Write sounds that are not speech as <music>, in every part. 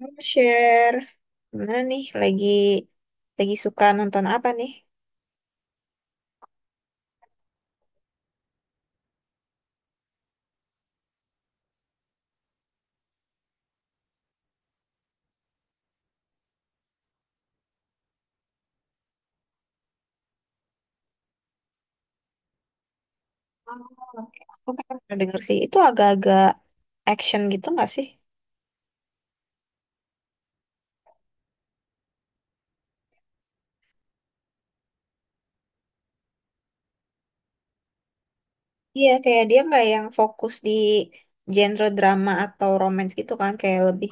Mau share. Gimana nih? Lagi suka nonton apa nih? Oh, oke. Aku kan pernah denger sih. Itu agak-agak action gitu nggak sih? Iya, kayak dia nggak yang fokus di genre drama atau romance gitu kan. Kayak lebih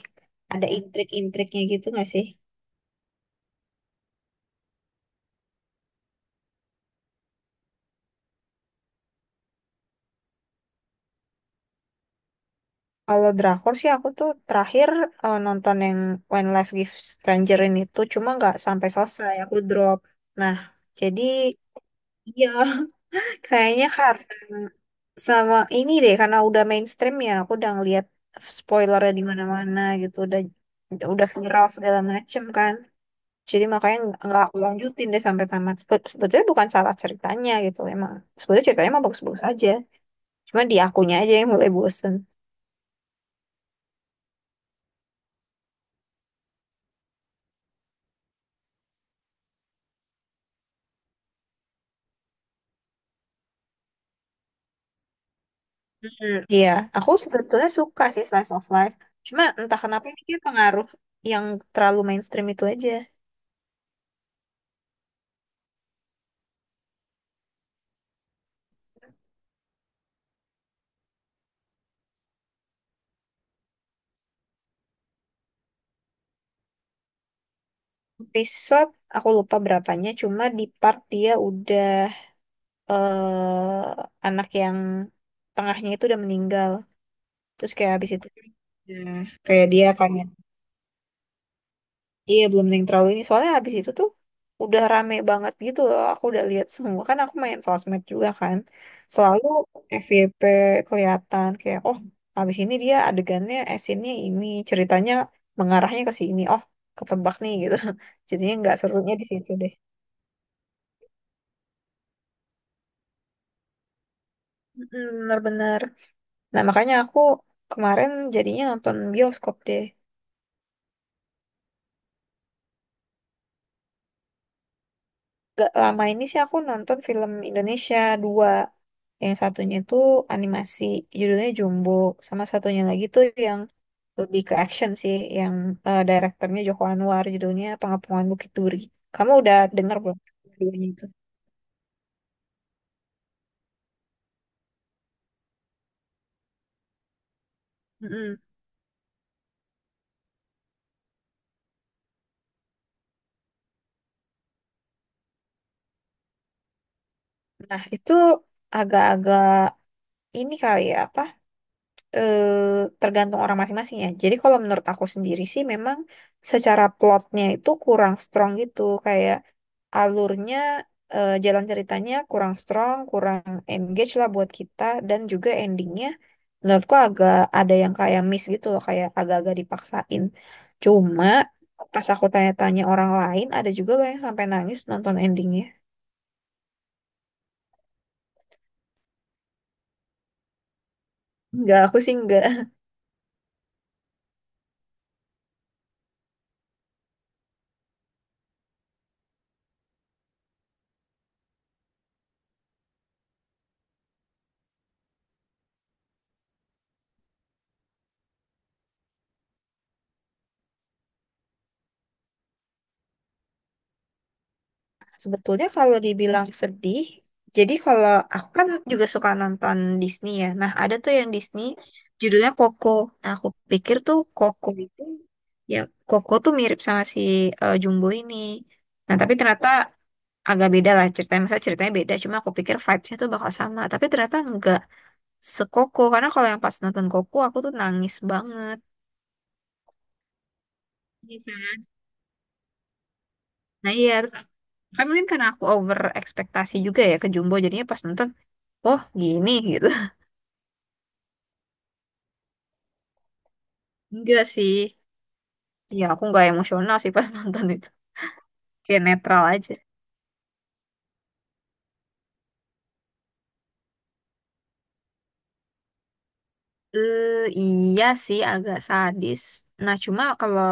ada intrik-intriknya gitu nggak sih? Kalau drakor sih aku tuh terakhir nonton yang When Life Gives Stranger ini tuh cuma nggak sampai selesai. Aku drop. Nah, jadi iya. <laughs> Kayaknya karena sama ini deh, karena udah mainstream ya, aku udah ngeliat spoilernya di mana-mana gitu, udah viral segala macem kan. Jadi makanya nggak aku lanjutin deh sampai tamat. Sebetulnya bukan salah ceritanya gitu, emang sebetulnya ceritanya emang bagus-bagus aja. Cuma di akunya aja yang mulai bosen. Hmm, iya, aku sebetulnya suka sih slice of life. Cuma entah kenapa ini kayak pengaruh yang terlalu mainstream itu aja. Episode aku lupa berapanya, cuma di part dia udah eh anak yang tengahnya itu udah meninggal. Terus kayak habis itu ya, kayak dia kayak iya belum yang terlalu ini. Soalnya habis itu tuh udah rame banget gitu loh. Aku udah lihat semua kan aku main sosmed juga kan. Selalu FYP kelihatan kayak oh habis ini dia adegannya esinnya ini ceritanya mengarahnya ke sini. Oh ketebak nih gitu. <laughs> Jadinya nggak serunya di situ deh. Mm, bener-bener. Nah makanya aku kemarin jadinya nonton bioskop deh. Gak lama ini sih aku nonton film Indonesia dua. Yang satunya itu animasi, judulnya Jumbo. Sama satunya lagi tuh yang lebih ke action sih, yang direkturnya Joko Anwar, judulnya Pengepungan Bukit Duri. Kamu udah dengar belum keduanya itu? Mm-mm. Nah, itu agak-agak ini kali ya, apa? eh, Tergantung orang masing-masing ya. Jadi kalau menurut aku sendiri sih memang secara plotnya itu kurang strong gitu, kayak alurnya jalan ceritanya kurang strong, kurang engage lah buat kita dan juga endingnya menurutku agak ada yang kayak miss gitu loh, kayak agak-agak dipaksain. Cuma pas aku tanya-tanya orang lain, ada juga loh yang sampai nangis nonton endingnya. Enggak, aku sih enggak. Sebetulnya kalau dibilang sedih, jadi kalau aku kan juga suka nonton Disney ya. Nah, ada tuh yang Disney judulnya Coco. Nah, aku pikir tuh Coco itu ya Coco tuh mirip sama si Jumbo ini. Nah, tapi ternyata agak beda lah ceritanya. Masa ceritanya beda, cuma aku pikir vibes-nya tuh bakal sama. Tapi ternyata enggak sekoko. Karena kalau yang pas nonton Coco, aku tuh nangis banget. Iya kan? Nah, iya. Terus kan mungkin karena aku over ekspektasi juga ya ke Jumbo. Jadinya pas nonton, oh gini gitu. Enggak sih. Ya, aku nggak emosional sih pas <laughs> nonton itu. Kayak netral aja. Eh, iya sih, agak sadis. Nah, cuma kalau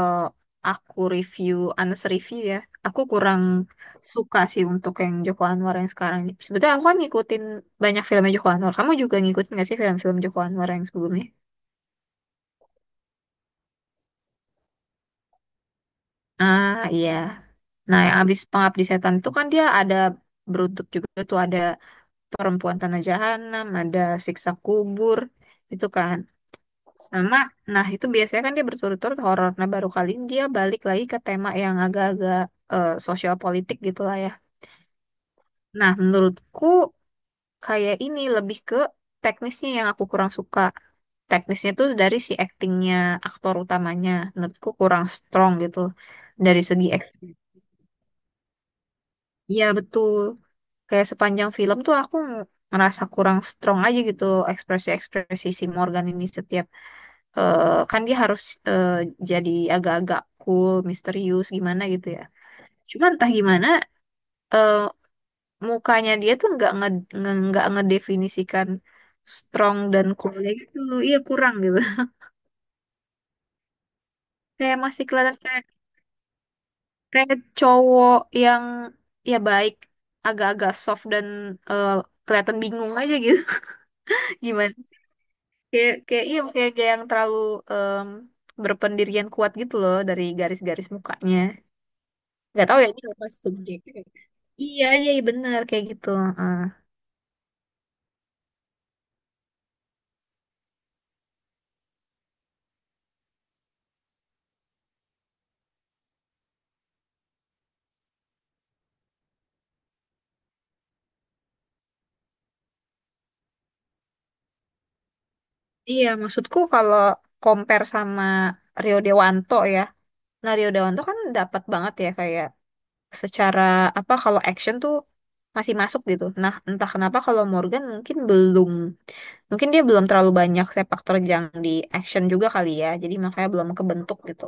aku review, Anes review ya, aku kurang suka sih untuk yang Joko Anwar yang sekarang ini. Sebetulnya aku kan ngikutin banyak filmnya Joko Anwar. Kamu juga ngikutin nggak sih film-film Joko Anwar yang sebelumnya? Ah, iya. Nah, yang abis Pengabdi Setan itu kan dia ada beruntuk juga tuh ada Perempuan Tanah Jahanam, ada Siksa Kubur, itu kan. Sama, nah itu biasanya kan dia berturut-turut horor. Nah baru kali ini dia balik lagi ke tema yang agak-agak sosial politik gitu lah ya. Nah menurutku kayak ini lebih ke teknisnya yang aku kurang suka. Teknisnya tuh dari si actingnya aktor utamanya menurutku kurang strong gitu. Dari segi acting. Iya betul. Kayak sepanjang film tuh aku ngerasa kurang strong aja gitu ekspresi-ekspresi si Morgan ini setiap kan dia harus eh, jadi agak-agak cool, misterius gimana gitu ya. Cuman entah gimana eh, mukanya dia tuh nggak ngedefinisikan strong dan coolnya gitu. Iya kurang gitu. <laughs> Kayak masih kelihatan kayak kayak cowok yang ya baik, agak-agak soft dan eh, kelihatan bingung aja gitu. <laughs> Gimana? Kayak kayak iya kayak yang terlalu em, berpendirian kuat gitu loh dari garis-garis mukanya. Nggak tahu ya ini apa subjek. Iya, iya iya, bener kayak gitu. Heeh. Iya, maksudku kalau compare sama Rio Dewanto ya. Nah, Rio Dewanto kan dapat banget ya kayak secara apa kalau action tuh masih masuk gitu. Nah, entah kenapa kalau Morgan mungkin belum mungkin dia belum terlalu banyak sepak terjang di action juga kali ya. Jadi makanya belum kebentuk gitu.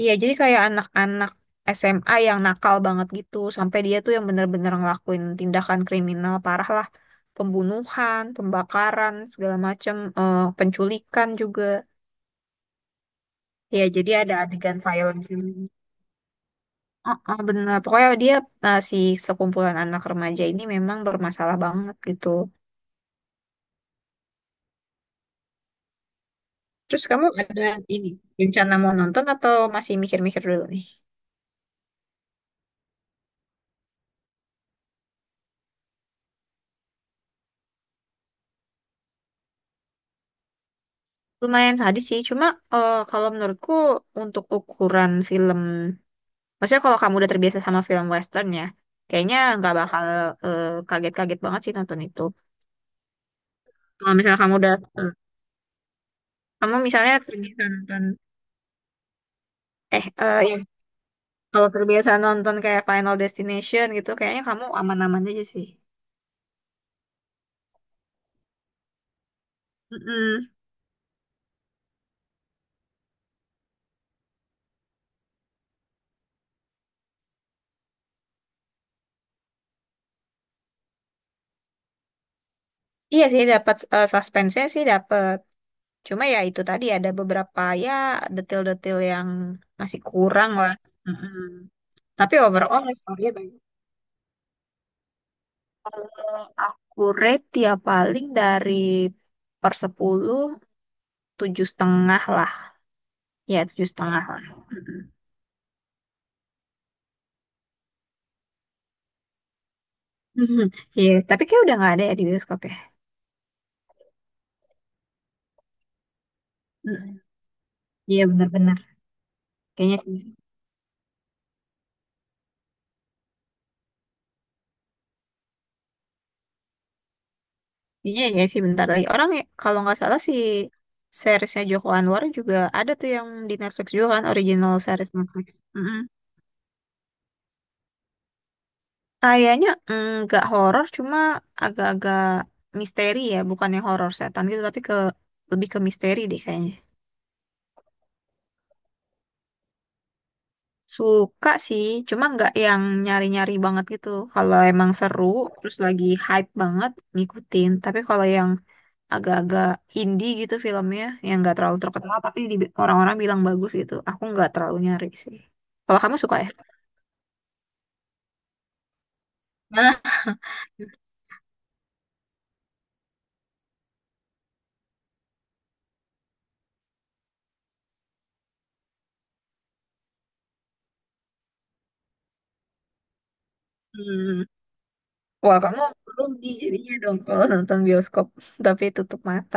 Iya, jadi kayak anak-anak SMA yang nakal banget gitu, sampai dia tuh yang bener-bener ngelakuin tindakan kriminal parah lah, pembunuhan, pembakaran, segala macem, penculikan juga. Ya, jadi ada adegan violence ini. Oh, oh, bener. Pokoknya dia si sekumpulan anak remaja ini memang bermasalah banget gitu. Terus kamu ada ini rencana mau nonton atau masih mikir-mikir dulu nih? Lumayan sadis sih, cuma kalau menurutku untuk ukuran film. Maksudnya kalau kamu udah terbiasa sama film western ya, kayaknya nggak bakal kaget-kaget banget sih nonton itu. Kalau misalnya kamu udah, eh, kamu misalnya terbiasa nonton, ya, kalau terbiasa nonton kayak Final Destination gitu, kayaknya kamu aman-aman aja sih. Mm-mm. Iya sih, dapat suspense-nya sih dapat. Cuma ya itu tadi ada beberapa ya detail-detail yang masih kurang lah. Mm-mm. Tapi overall story-nya bagus. Aku rate ya paling dari per 10 7,5 lah ya 7,5 lah. Mm-mm. Mhm. Iya, tapi kayak udah nggak ada ya di bioskop ya. Mm-mm. Iya benar-benar. Kayaknya sih. Iya ya sih bentar lagi. Orang ya, kalau nggak salah si, seriesnya Joko Anwar juga ada tuh yang di Netflix juga kan original series Netflix. Mm-mm. Kayaknya nggak horor cuma agak-agak misteri ya, bukannya horor setan gitu tapi ke lebih ke misteri deh kayaknya. Suka sih, cuma nggak yang nyari-nyari banget gitu. Kalau emang seru, terus lagi hype banget, ngikutin. Tapi kalau yang agak-agak indie gitu filmnya, yang nggak terlalu terkenal, tapi orang-orang bilang bagus gitu, aku nggak terlalu nyari sih. Kalau kamu suka ya? Nah, hmm. Wah, kamu rugi jadinya dong kalau nonton bioskop, <laughs> tapi tutup mata.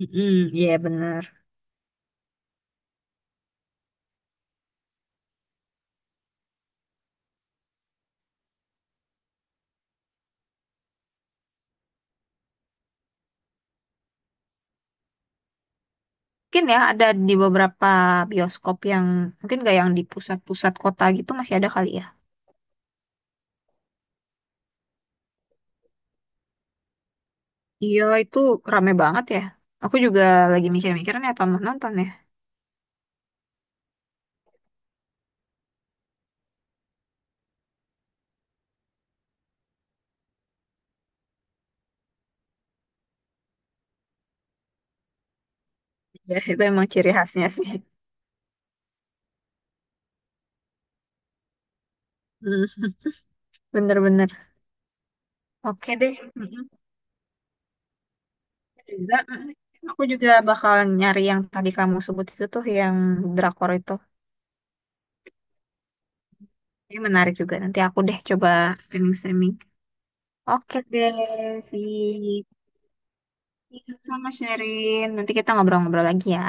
Mm, iya bener. Mungkin ya ada di beberapa bioskop yang mungkin gak yang di pusat-pusat kota gitu masih ada kali ya. Iya, itu rame banget ya. Aku juga lagi mikir-mikir nih apa mau nonton ya. Iya itu emang ciri khasnya sih. Hmm, bener-bener. Oke deh. Mm-mm. Aku juga, mm-mm. Aku juga bakal nyari yang tadi kamu sebut itu tuh, yang drakor itu. Ini menarik juga. Nanti aku deh coba streaming-streaming. Oke deh, sih. Sama sharing. Nanti kita ngobrol-ngobrol lagi ya.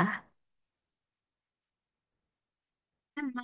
Sama.